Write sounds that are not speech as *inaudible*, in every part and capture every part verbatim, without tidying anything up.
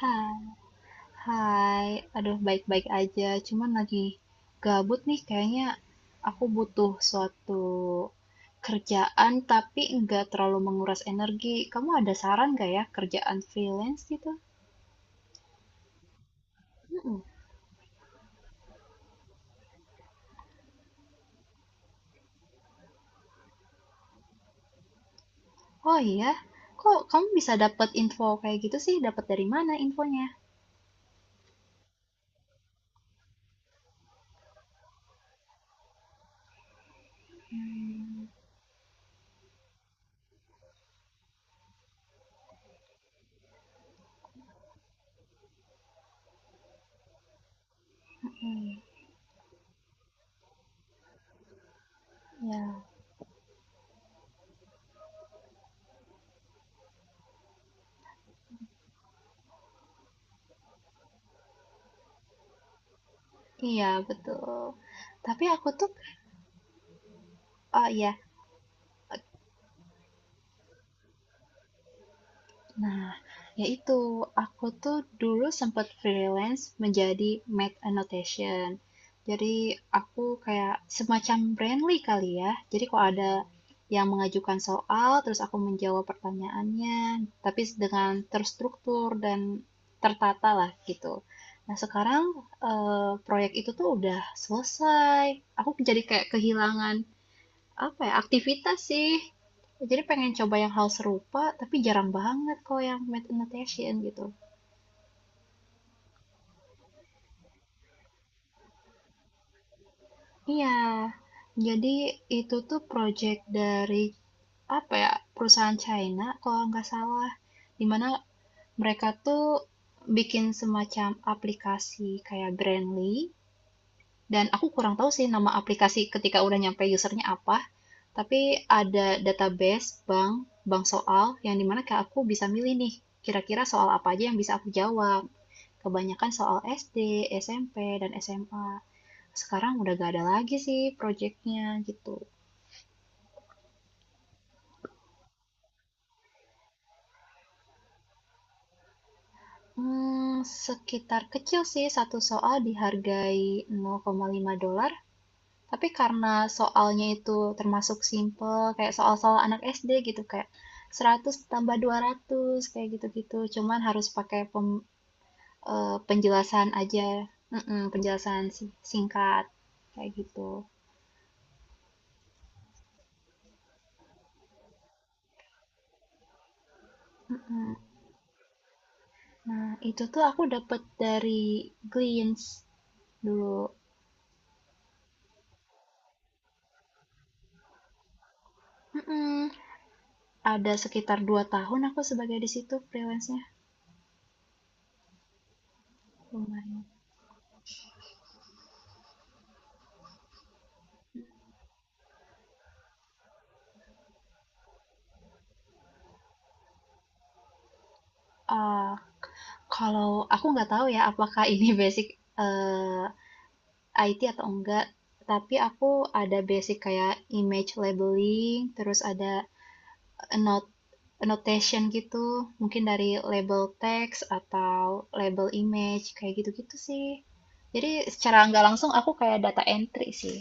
Hai, hai. Aduh, baik-baik aja. Cuman lagi gabut nih kayaknya aku butuh suatu kerjaan tapi nggak terlalu menguras energi. Kamu ada saran nggak ya kerjaan freelance gitu? Mm-mm. Oh iya, kok kamu bisa dapat info kayak gitu sih? Dapat dari mana infonya? Hmm, oke. Ya, iya betul. Tapi aku tuh, oh ya. Nah, yaitu aku tuh dulu sempat freelance menjadi make annotation. Jadi aku kayak semacam Brandly kali ya. Jadi kalau ada yang mengajukan soal, terus aku menjawab pertanyaannya, tapi dengan terstruktur dan tertata lah gitu. Nah, sekarang eh, proyek itu tuh udah selesai. Aku jadi kayak kehilangan apa ya, aktivitas sih. Jadi pengen coba yang hal serupa, tapi jarang banget kalau yang math and gitu. Iya, jadi itu tuh project dari apa ya, perusahaan China kalau nggak salah. Dimana mereka tuh bikin semacam aplikasi kayak Brandly. Dan aku kurang tahu sih nama aplikasi ketika udah nyampe usernya apa. Tapi ada database bank, bank soal yang dimana kayak aku bisa milih nih kira-kira soal apa aja yang bisa aku jawab. Kebanyakan soal S D, S M P, dan S M A. Sekarang udah gak ada lagi sih proyeknya gitu. Hmm, sekitar kecil sih satu soal dihargai nol koma lima dolar. Tapi karena soalnya itu termasuk simple, kayak soal-soal anak S D gitu, kayak seratus tambah dua ratus, kayak gitu-gitu. Cuman harus pakai pem Eee, penjelasan aja. Mhm, penjelasan si singkat, kayak gitu. Mhm. Nah, itu tuh aku dapat dari Glints dulu. Mhm, ada sekitar dua tahun aku sebagai di situ freelance-nya, lumayan. Ah, kalau aku nggak tahu ya apakah ini *laughs* basic, eee, I T atau enggak, tapi aku ada basic kayak image labeling, terus ada a note- a notation gitu, mungkin dari label text atau label image kayak gitu-gitu sih. Jadi secara nggak langsung aku kayak data entry sih.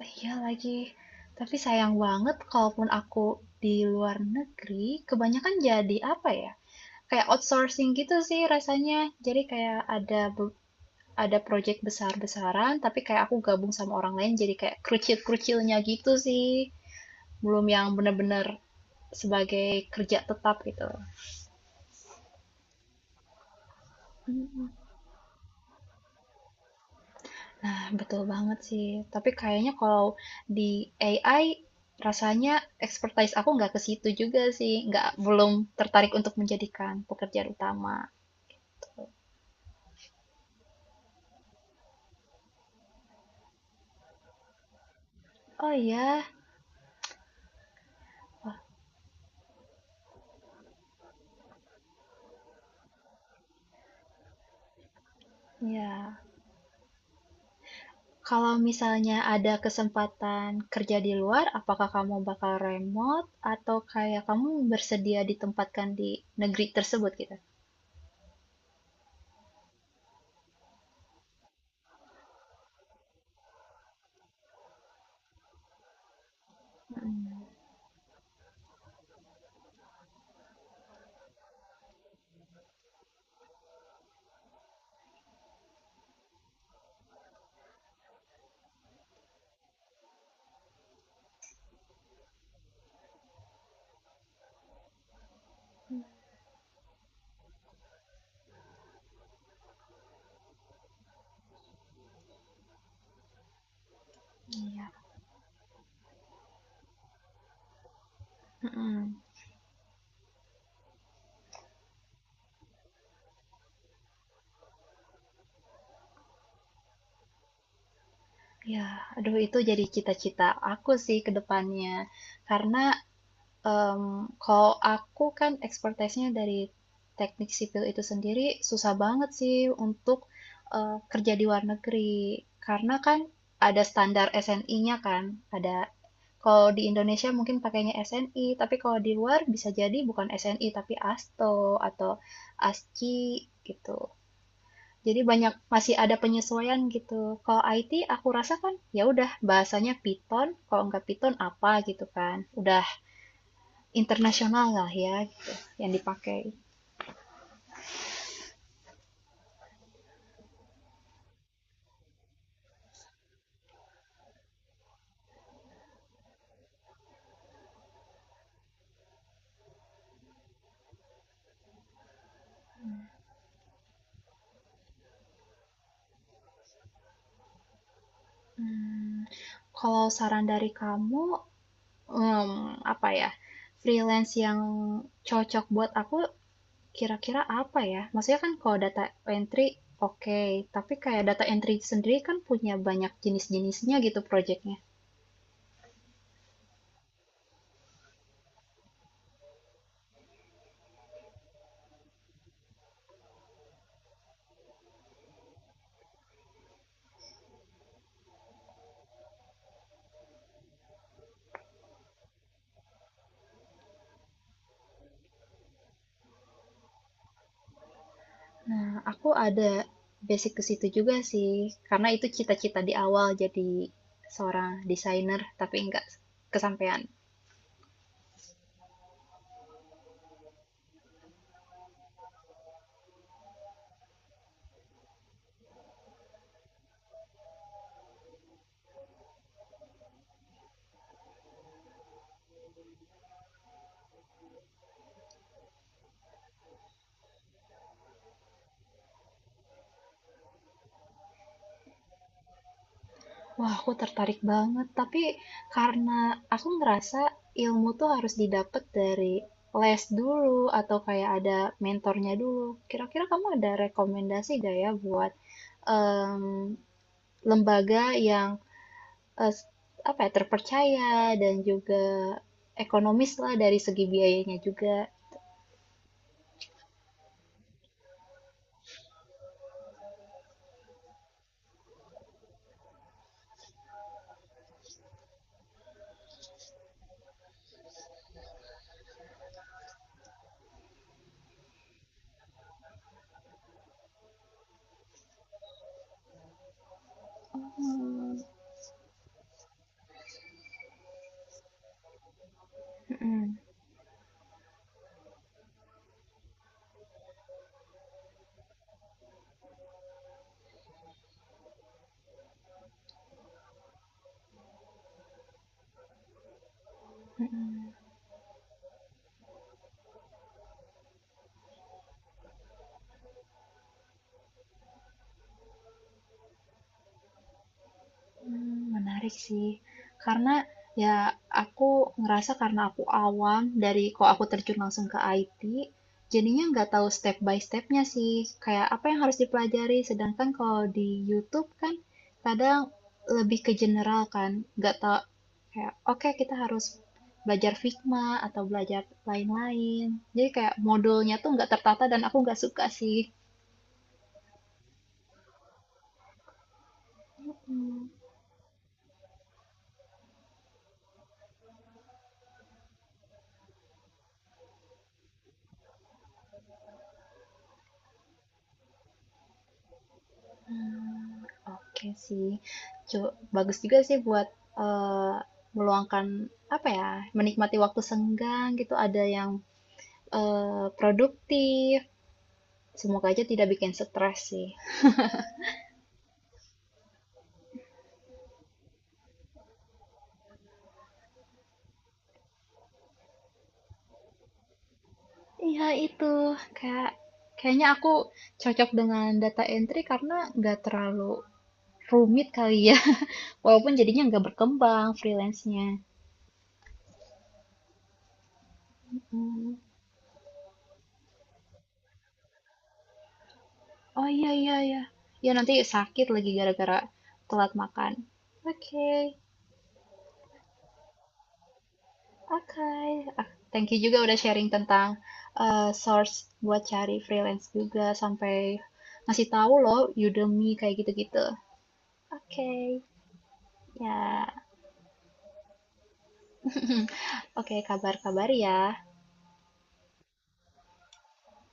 Oh iya lagi, tapi sayang banget kalaupun aku di luar negeri, kebanyakan jadi apa ya? Kayak outsourcing gitu sih rasanya. Jadi kayak ada ada project besar-besaran, tapi kayak aku gabung sama orang lain jadi kayak kerucil-kerucilnya gitu sih. Belum yang benar-benar sebagai kerja tetap gitu. Nah, betul banget sih. Tapi kayaknya kalau di A I rasanya expertise aku nggak ke situ juga sih, nggak belum tertarik untuk menjadikan pekerjaan utama. Oh iya, ya. Kalau misalnya ada kesempatan kerja di luar, apakah kamu bakal remote atau kayak kamu bersedia ditempatkan di negeri tersebut gitu? Mm, iya. mm Ya, aduh itu jadi cita-cita aku sih ke depannya. Karena em, kalau aku kan expertise-nya dari teknik sipil itu sendiri susah banget sih untuk eh, kerja di luar negeri. Karena kan ada standar S N I-nya kan, ada kalau di Indonesia mungkin pakainya S N I, tapi kalau di luar bisa jadi bukan S N I tapi ASTO atau aski gitu. Jadi banyak masih ada penyesuaian gitu. Kalau I T aku rasa kan ya udah bahasanya Python, kalau nggak Python apa gitu kan. Udah internasional lah ya gitu yang dipakai. Hmm, kalau saran dari kamu em, apa ya? Freelance yang cocok buat aku kira-kira apa ya? Maksudnya kan kalau data entry, oke, okay, tapi kayak data entry sendiri kan punya banyak jenis-jenisnya gitu projectnya. Nah, aku ada basic ke situ juga sih, karena itu cita-cita di awal jadi seorang desainer, tapi nggak kesampaian. Wah, aku tertarik banget, tapi karena aku ngerasa ilmu tuh harus didapat dari les dulu atau kayak ada mentornya dulu. Kira-kira kamu ada rekomendasi gak ya buat em, lembaga yang eh, apa ya, terpercaya dan juga ekonomis lah dari segi biayanya juga? Mmm. Mhm, mhm. Mmm, menarik sih. Karena, ya aku ngerasa karena aku awam dari kok aku terjun langsung ke I T, jadinya nggak tahu step by stepnya sih, kayak apa yang harus dipelajari. Sedangkan kalau di YouTube kan kadang lebih ke general kan, nggak tau kayak, oke kita harus belajar Figma atau belajar lain-lain. Jadi kayak modulnya tuh nggak tertata dan aku nggak suka sih. Mhm. Mmm, oke sih. Cu bagus juga sih buat, eee, meluangkan, apa ya, menikmati waktu senggang gitu, ada yang, eee, produktif, semoga aja tidak bikin stres sih. Iya itu, kayak kayaknya aku cocok dengan data entry karena nggak terlalu rumit kali ya, *laughs* walaupun jadinya nggak berkembang freelance-nya. Mmm, oh iya iya iya. Ya nanti sakit lagi gara-gara telat makan. Oke. Oke, ah, thank you juga udah sharing tentang eh, source buat cari freelance juga sampai ngasih tahu loh Udemy kayak gitu-gitu. Oke, ya. *laughs* Oke, kabar-kabar ya.